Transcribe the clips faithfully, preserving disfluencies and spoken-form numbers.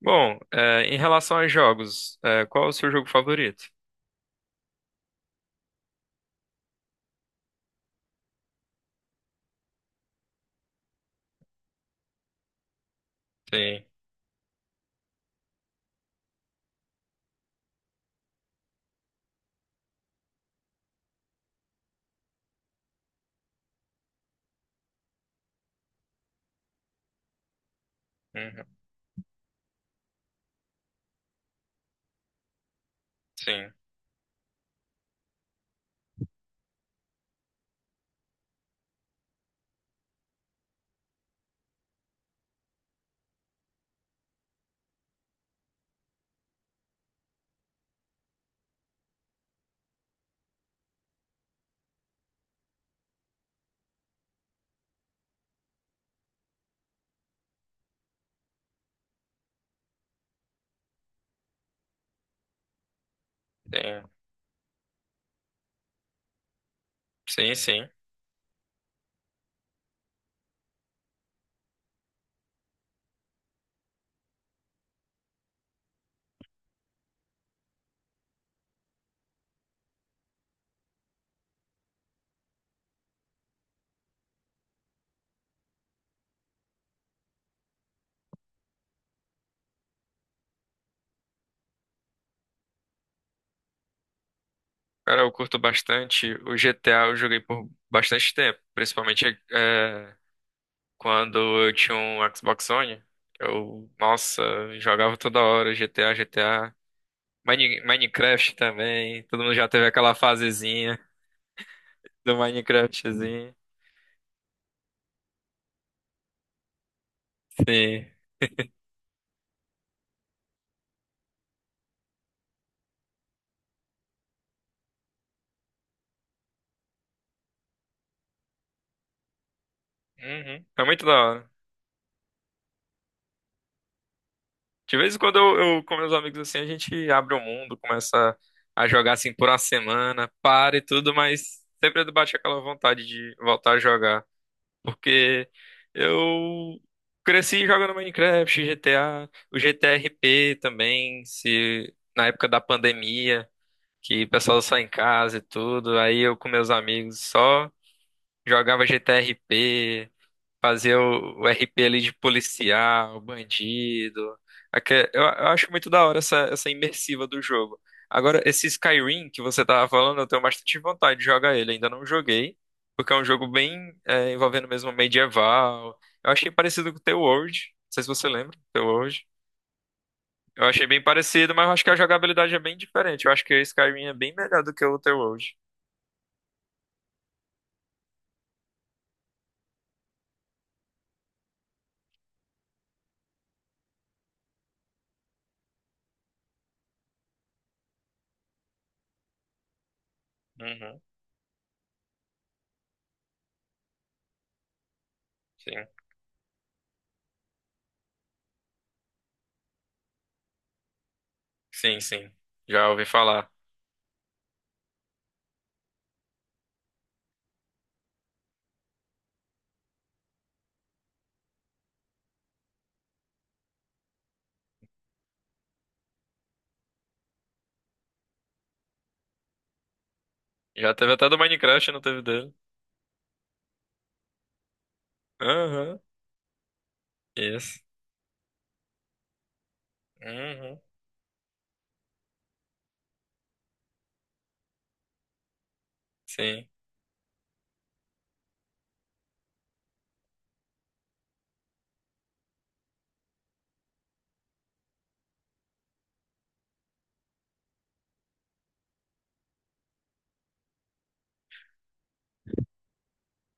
Bom, é, em relação aos jogos, é, qual é o seu jogo favorito? Sim, uhum, sim, sim, sim, sim. Cara, eu curto bastante. O G T A eu joguei por bastante tempo, principalmente é, quando eu tinha um Xbox One. Eu, nossa, jogava toda hora G T A, G T A. Mine- Minecraft também. Todo mundo já teve aquela fasezinha do Minecraftzinho. Sim. Uhum. É muito da hora. De vez em quando eu, eu com meus amigos assim, a gente abre o mundo, começa a jogar assim por uma semana, para e tudo, mas sempre bate aquela vontade de voltar a jogar. Porque eu cresci jogando Minecraft, G T A, o G T R P também, se na época da pandemia, que o pessoal só em casa e tudo, aí eu com meus amigos só jogava G T R P, fazer o, o R P ali de policial, bandido. Aque- Eu, eu acho muito da hora essa, essa imersiva do jogo. Agora, esse Skyrim que você tava falando, eu tenho bastante vontade de jogar ele. Ainda não joguei, porque é um jogo bem é, envolvendo mesmo medieval. Eu achei parecido com o The World. Não sei se você lembra, The World. Eu achei bem parecido, mas eu acho que a jogabilidade é bem diferente. Eu acho que o Skyrim é bem melhor do que o The World. Uhum, sim. Sim, sim. Já ouvi falar. Já teve até do Minecraft, não teve dele. Aham. Isso. Uhum, sim.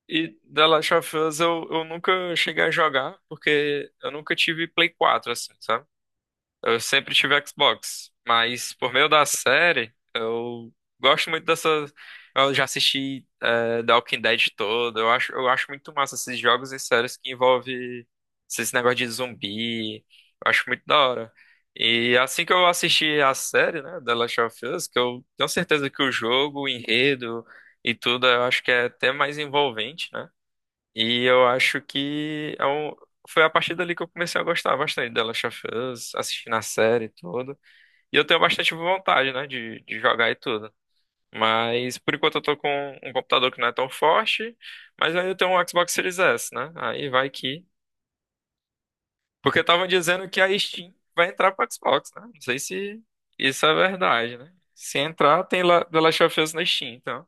E The Last of Us eu, eu nunca cheguei a jogar, porque eu nunca tive Play quatro assim, sabe? Eu sempre tive Xbox, mas por meio da série, eu gosto muito dessa. Eu já assisti é, The Walking Dead todo. Eu acho, eu acho muito massa esses jogos e séries que envolvem esses negócios de zumbi. Eu acho muito da hora. E assim que eu assisti a série, né, The Last of Us, que eu tenho certeza que o jogo, o enredo e tudo, eu acho que é até mais envolvente, né? E eu acho que é um- foi a partir dali que eu comecei a gostar bastante da Last of Us, assistindo a série e tudo. E eu tenho bastante vontade, né, de, de jogar e tudo. Mas por enquanto eu tô com um computador que não é tão forte, mas aí eu tenho um Xbox Series S, né? Aí vai que. Porque estavam dizendo que a Steam vai entrar pro Xbox, né? Não sei se isso é verdade, né? Se entrar, tem lá The Last of Us na Steam, então.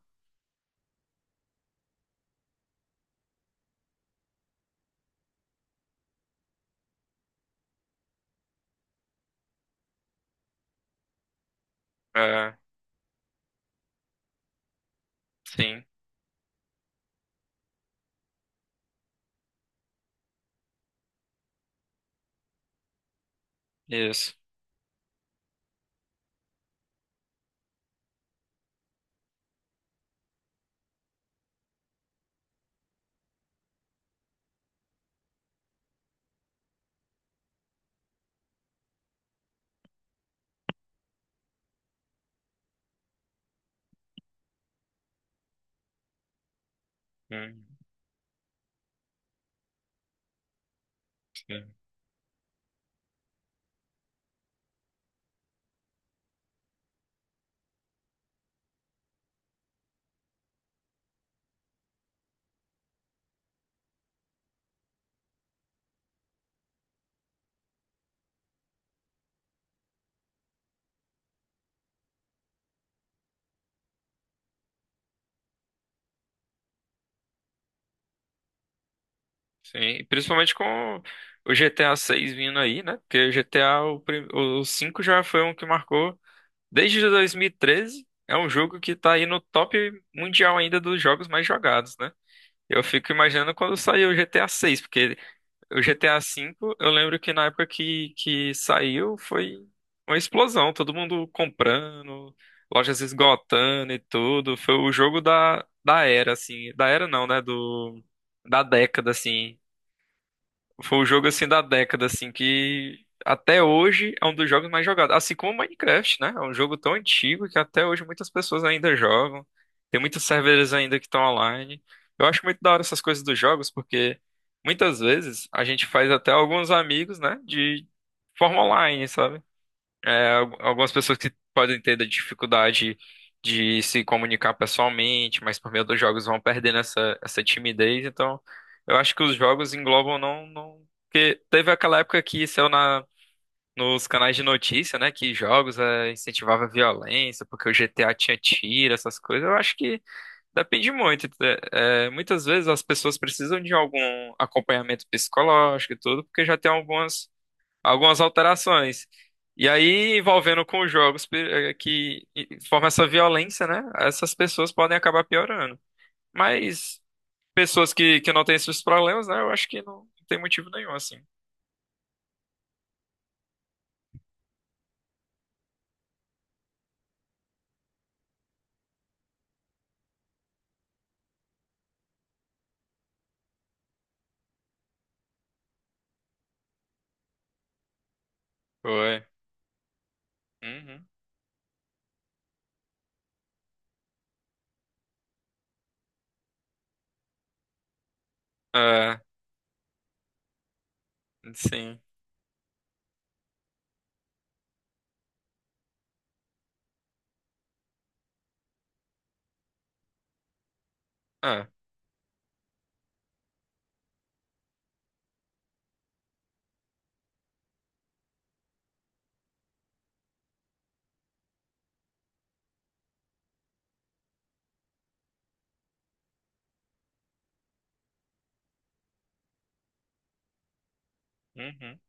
É, sim, isso. Hum, sim. Sim, principalmente com o G T A seis vindo aí, né? Porque o G T A, o, prim- o cinco já foi um que marcou desde dois mil e treze. É um jogo que tá aí no top mundial ainda dos jogos mais jogados, né? Eu fico imaginando quando saiu o G T A seis porque o G T A cinco eu lembro que na época que, que saiu foi uma explosão, todo mundo comprando, lojas esgotando e tudo. Foi o jogo da, da era, assim. Da era não, né? Do, da década, assim. Foi o jogo assim da década, assim, que até hoje é um dos jogos mais jogados. Assim como o Minecraft, né? É um jogo tão antigo que até hoje muitas pessoas ainda jogam. Tem muitos servidores ainda que estão online. Eu acho muito da hora essas coisas dos jogos, porque muitas vezes a gente faz até alguns amigos, né? De forma online, sabe? É, al- algumas pessoas que podem ter da dificuldade de se comunicar pessoalmente, mas por meio dos jogos vão perdendo essa, essa timidez. Então, eu acho que os jogos englobam não, não... Porque teve aquela época que saiu na, nos canais de notícia, né? Que jogos é, incentivava a violência, porque o G T A tinha tiro, essas coisas. Eu acho que depende muito. É, é, muitas vezes as pessoas precisam de algum acompanhamento psicológico e tudo, porque já tem algumas algumas alterações. E aí, envolvendo com jogos pe- eh, que formam essa violência, né? Essas pessoas podem acabar piorando. Mas pessoas que, que não têm esses problemas, né? Eu acho que não, tem motivo nenhum, assim. Foi. Uhum. É, sim. É. Uhum.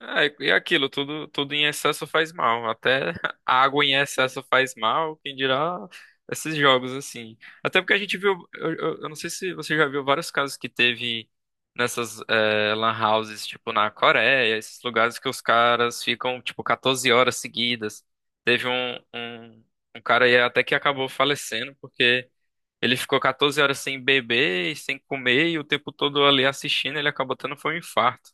É, e aquilo, tudo, tudo em excesso faz mal. Até a água em excesso faz mal, quem dirá esses jogos assim. Até porque a gente viu, eu, eu- eu não sei se você já viu vários casos que teve nessas eh, lan houses, tipo na Coreia, esses lugares que os caras ficam, tipo, catorze horas seguidas. Teve um, um, um cara aí até que acabou falecendo, porque ele ficou catorze horas sem beber e sem comer, e o tempo todo ali assistindo, ele acabou tendo foi um infarto.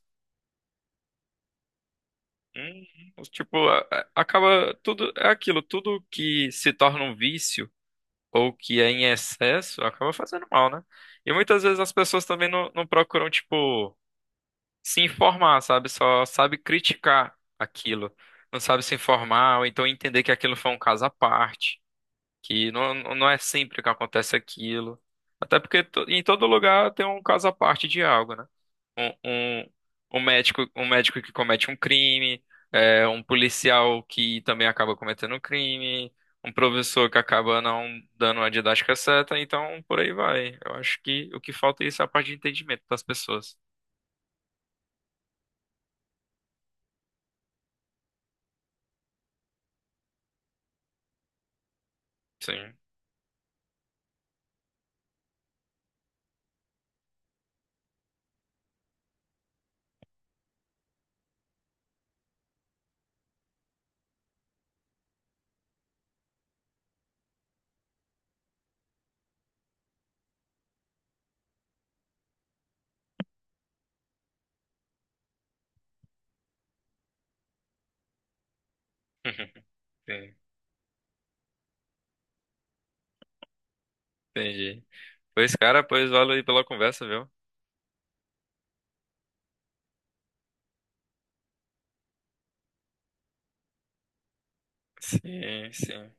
Hum, Tipo, a- a- acaba tudo, é aquilo, tudo que se torna um vício ou que é em excesso acaba fazendo mal, né? E muitas vezes as pessoas também não, não procuram, tipo, se informar, sabe? Só sabe criticar aquilo, não sabe se informar, ou então entender que aquilo foi um caso à parte, que não, não não é sempre que acontece aquilo. Até porque to- em todo lugar tem um caso à parte de algo, né? um, um, um médico, um médico que comete um crime, é, um policial que também acaba cometendo um crime, um professor que acaba não dando a didática certa, então por aí vai. Eu acho que o que falta é isso, a parte de entendimento das pessoas. Sim. Sim, entendi. Pois, cara, pois valeu aí pela conversa, viu? Sim, sim.